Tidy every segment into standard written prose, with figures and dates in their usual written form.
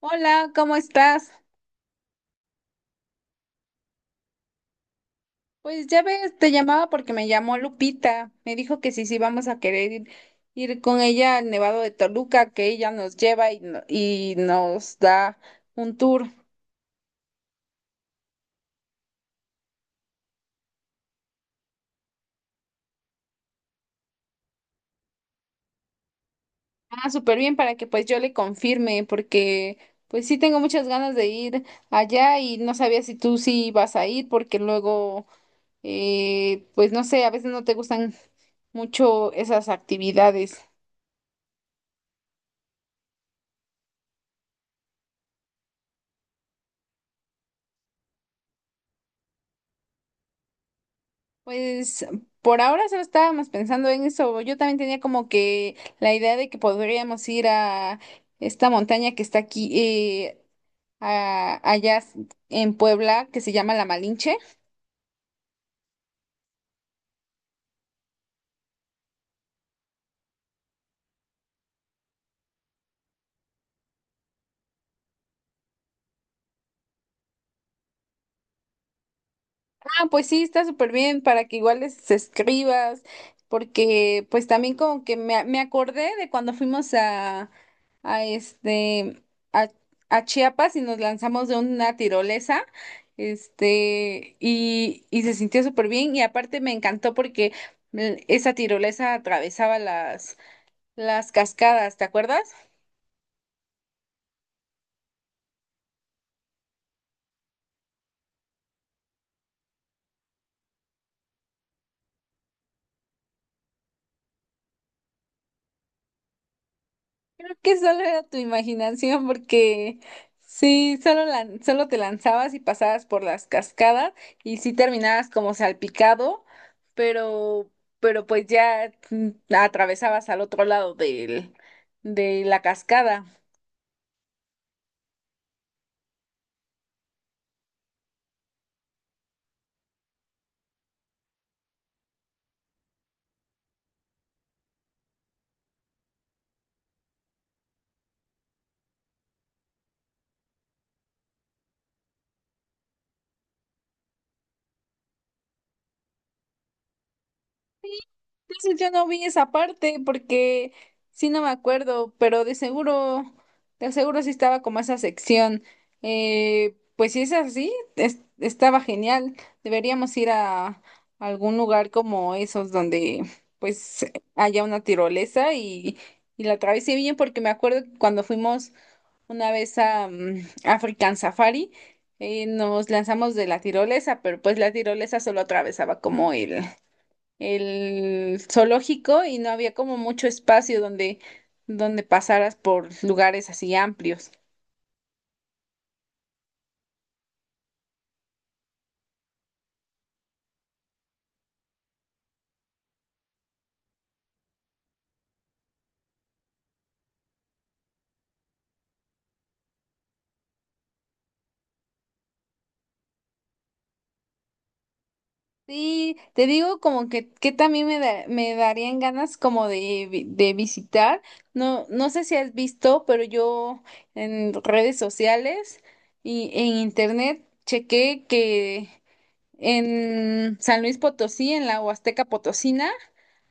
Hola, ¿cómo estás? Pues ya ves, te llamaba porque me llamó Lupita. Me dijo que sí, vamos a querer ir con ella al Nevado de Toluca, que ella nos lleva y, y nos da un tour. Ah, súper bien para que pues yo le confirme, porque pues sí tengo muchas ganas de ir allá y no sabía si tú sí ibas a ir, porque luego, pues no sé, a veces no te gustan mucho esas actividades. Pues por ahora solo estábamos pensando en eso. Yo también tenía como que la idea de que podríamos ir a esta montaña que está aquí, allá en Puebla, que se llama La Malinche. Ah, pues sí, está súper bien para que igual les escribas, porque pues también como que me acordé de cuando fuimos a este, a, a Chiapas y nos lanzamos de una tirolesa, este, y se sintió súper bien y aparte me encantó porque esa tirolesa atravesaba las cascadas, ¿te acuerdas? Creo que solo era tu imaginación porque sí, solo, solo te lanzabas y pasabas por las cascadas y sí terminabas como salpicado, pero, pero pues ya atravesabas al otro lado de la cascada. Entonces yo no vi esa parte porque sí no me acuerdo, pero de seguro sí estaba como esa sección. Pues si es así, es- estaba genial. Deberíamos ir a algún lugar como esos donde pues haya una tirolesa y la atravesé bien porque me acuerdo que cuando fuimos una vez a African Safari, nos lanzamos de la tirolesa, pero pues la tirolesa solo atravesaba como el zoológico y no había como mucho espacio donde pasaras por lugares así amplios. Sí, te digo como que también me darían ganas como de visitar. No, no sé si has visto, pero yo en redes sociales y en internet chequé que en San Luis Potosí, en la Huasteca Potosina,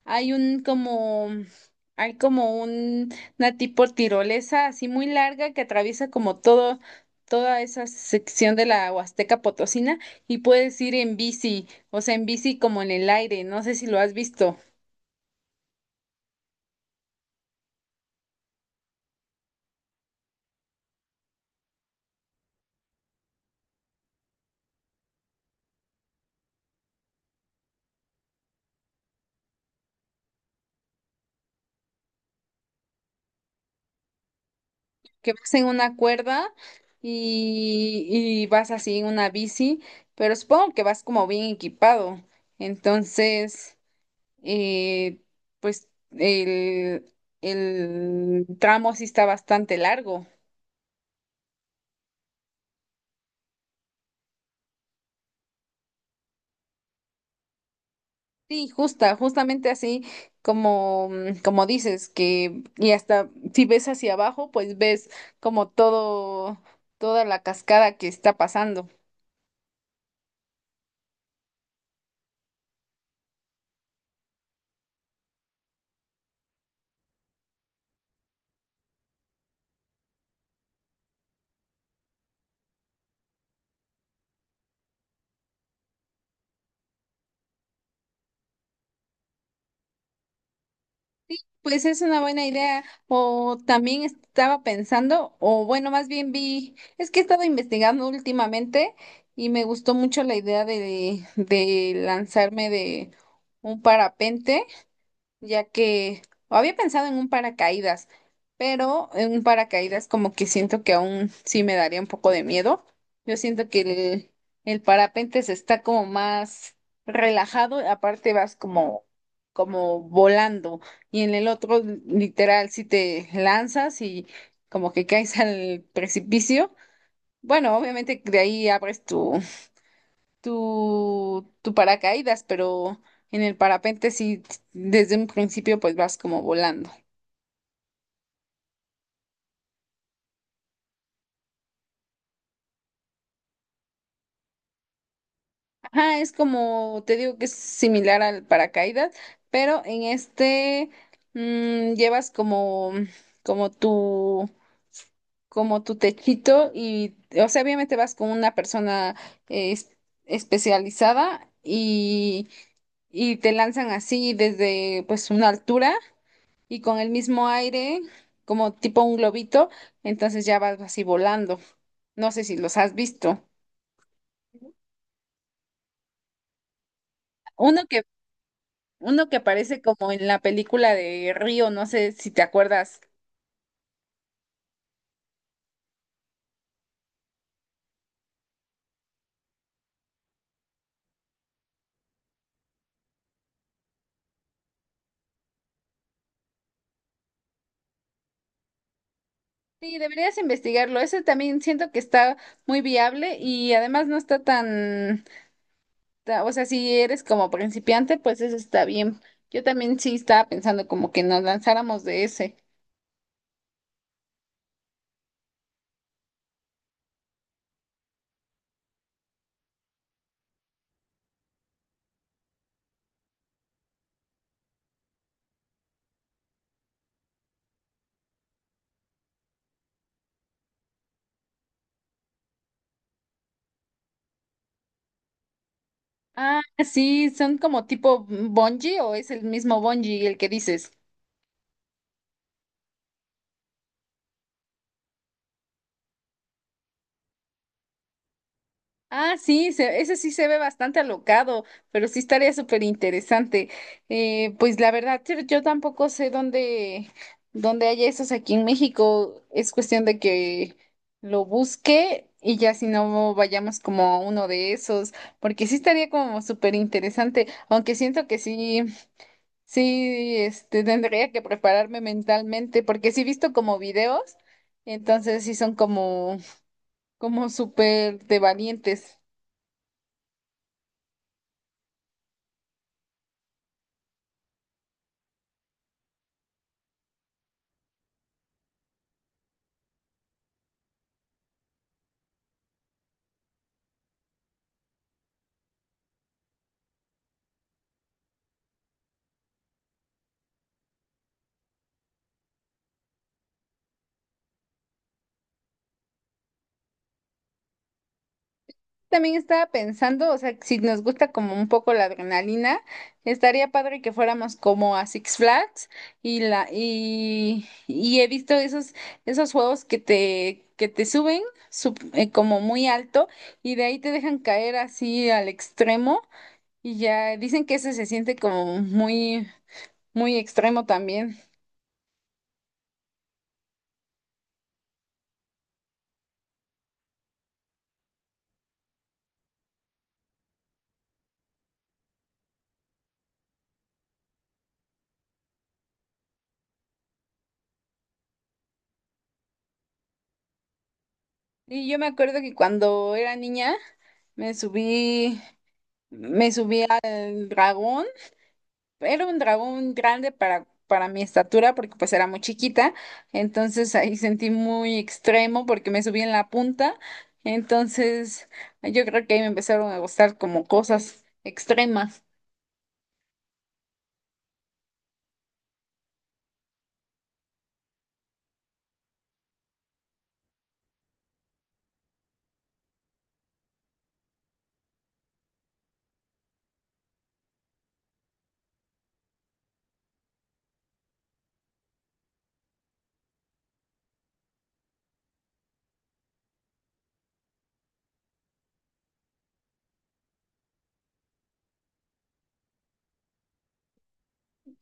hay un como, hay como un, una tipo tirolesa así muy larga que atraviesa como toda esa sección de la Huasteca Potosina y puedes ir en bici, o sea, en bici como en el aire, no sé si lo has visto, que vas en una cuerda, y vas así en una bici, pero supongo que vas como bien equipado. Entonces, eh, pues el, el tramo sí está bastante largo. Sí, justamente así como, como dices, que y hasta si ves hacia abajo, pues ves como toda la cascada que está pasando. Pues es una buena idea. O también estaba pensando, o bueno, más bien vi, es que he estado investigando últimamente y me gustó mucho la idea de lanzarme de un parapente ya que había pensado en un paracaídas, pero en un paracaídas como que siento que aún sí me daría un poco de miedo. Yo siento que el parapente se está como más relajado, aparte vas como, como volando, y en el otro literal si te lanzas y como que caes al precipicio. Bueno, obviamente de ahí abres tu paracaídas, pero en el parapente sí, desde un principio pues vas como volando. Ajá, es como, te digo que es similar al paracaídas, pero en este llevas como, como tu, como tu techito y, o sea, obviamente vas con una persona eh, es- especializada y te lanzan así desde pues una altura y con el mismo aire, como tipo un globito, entonces ya vas así volando. No sé si los has visto. Uno que, uno que aparece como en la película de Río, no sé si te acuerdas. Sí, deberías investigarlo. Ese también siento que está muy viable y además no está tan, o sea, si eres como principiante, pues eso está bien. Yo también sí estaba pensando como que nos lanzáramos de ese. Ah, sí, son como tipo bungee o es el mismo bungee el que dices. Ah, sí, ese sí se ve bastante alocado, pero sí estaría súper interesante. Pues la verdad, yo tampoco sé dónde hay esos aquí en México. Es cuestión de que lo busque y ya si no vayamos como a uno de esos, porque sí estaría como súper interesante, aunque siento que sí, este, tendría que prepararme mentalmente, porque sí he visto como videos, entonces sí son como, como súper de valientes. También estaba pensando, o sea, si nos gusta como un poco la adrenalina, estaría padre que fuéramos como a Six Flags y y he visto esos juegos que te suben como muy alto y de ahí te dejan caer así al extremo y ya dicen que ese se siente como muy extremo también. Y yo me acuerdo que cuando era niña me subí me subí al dragón. Era un dragón grande para mi estatura porque pues era muy chiquita, entonces ahí sentí muy extremo porque me subí en la punta, entonces yo creo que ahí me empezaron a gustar como cosas extremas.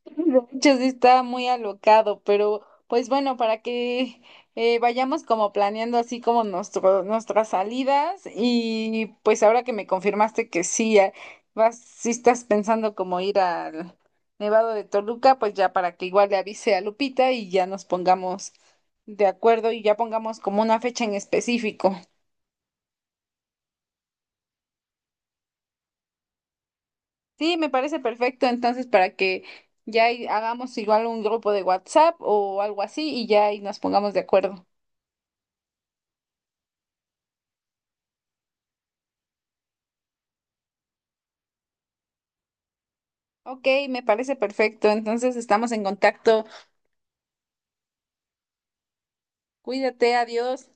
De hecho, sí está muy alocado, pero pues bueno, para que vayamos como planeando así como nuestras salidas y pues ahora que me confirmaste que sí, vas, sí estás pensando como ir al Nevado de Toluca, pues ya para que igual le avise a Lupita y ya nos pongamos de acuerdo y ya pongamos como una fecha en específico. Sí, me parece perfecto, entonces para que ya ahí hagamos igual un grupo de WhatsApp o algo así y ya ahí nos pongamos de acuerdo. Ok, me parece perfecto. Entonces estamos en contacto. Cuídate, adiós.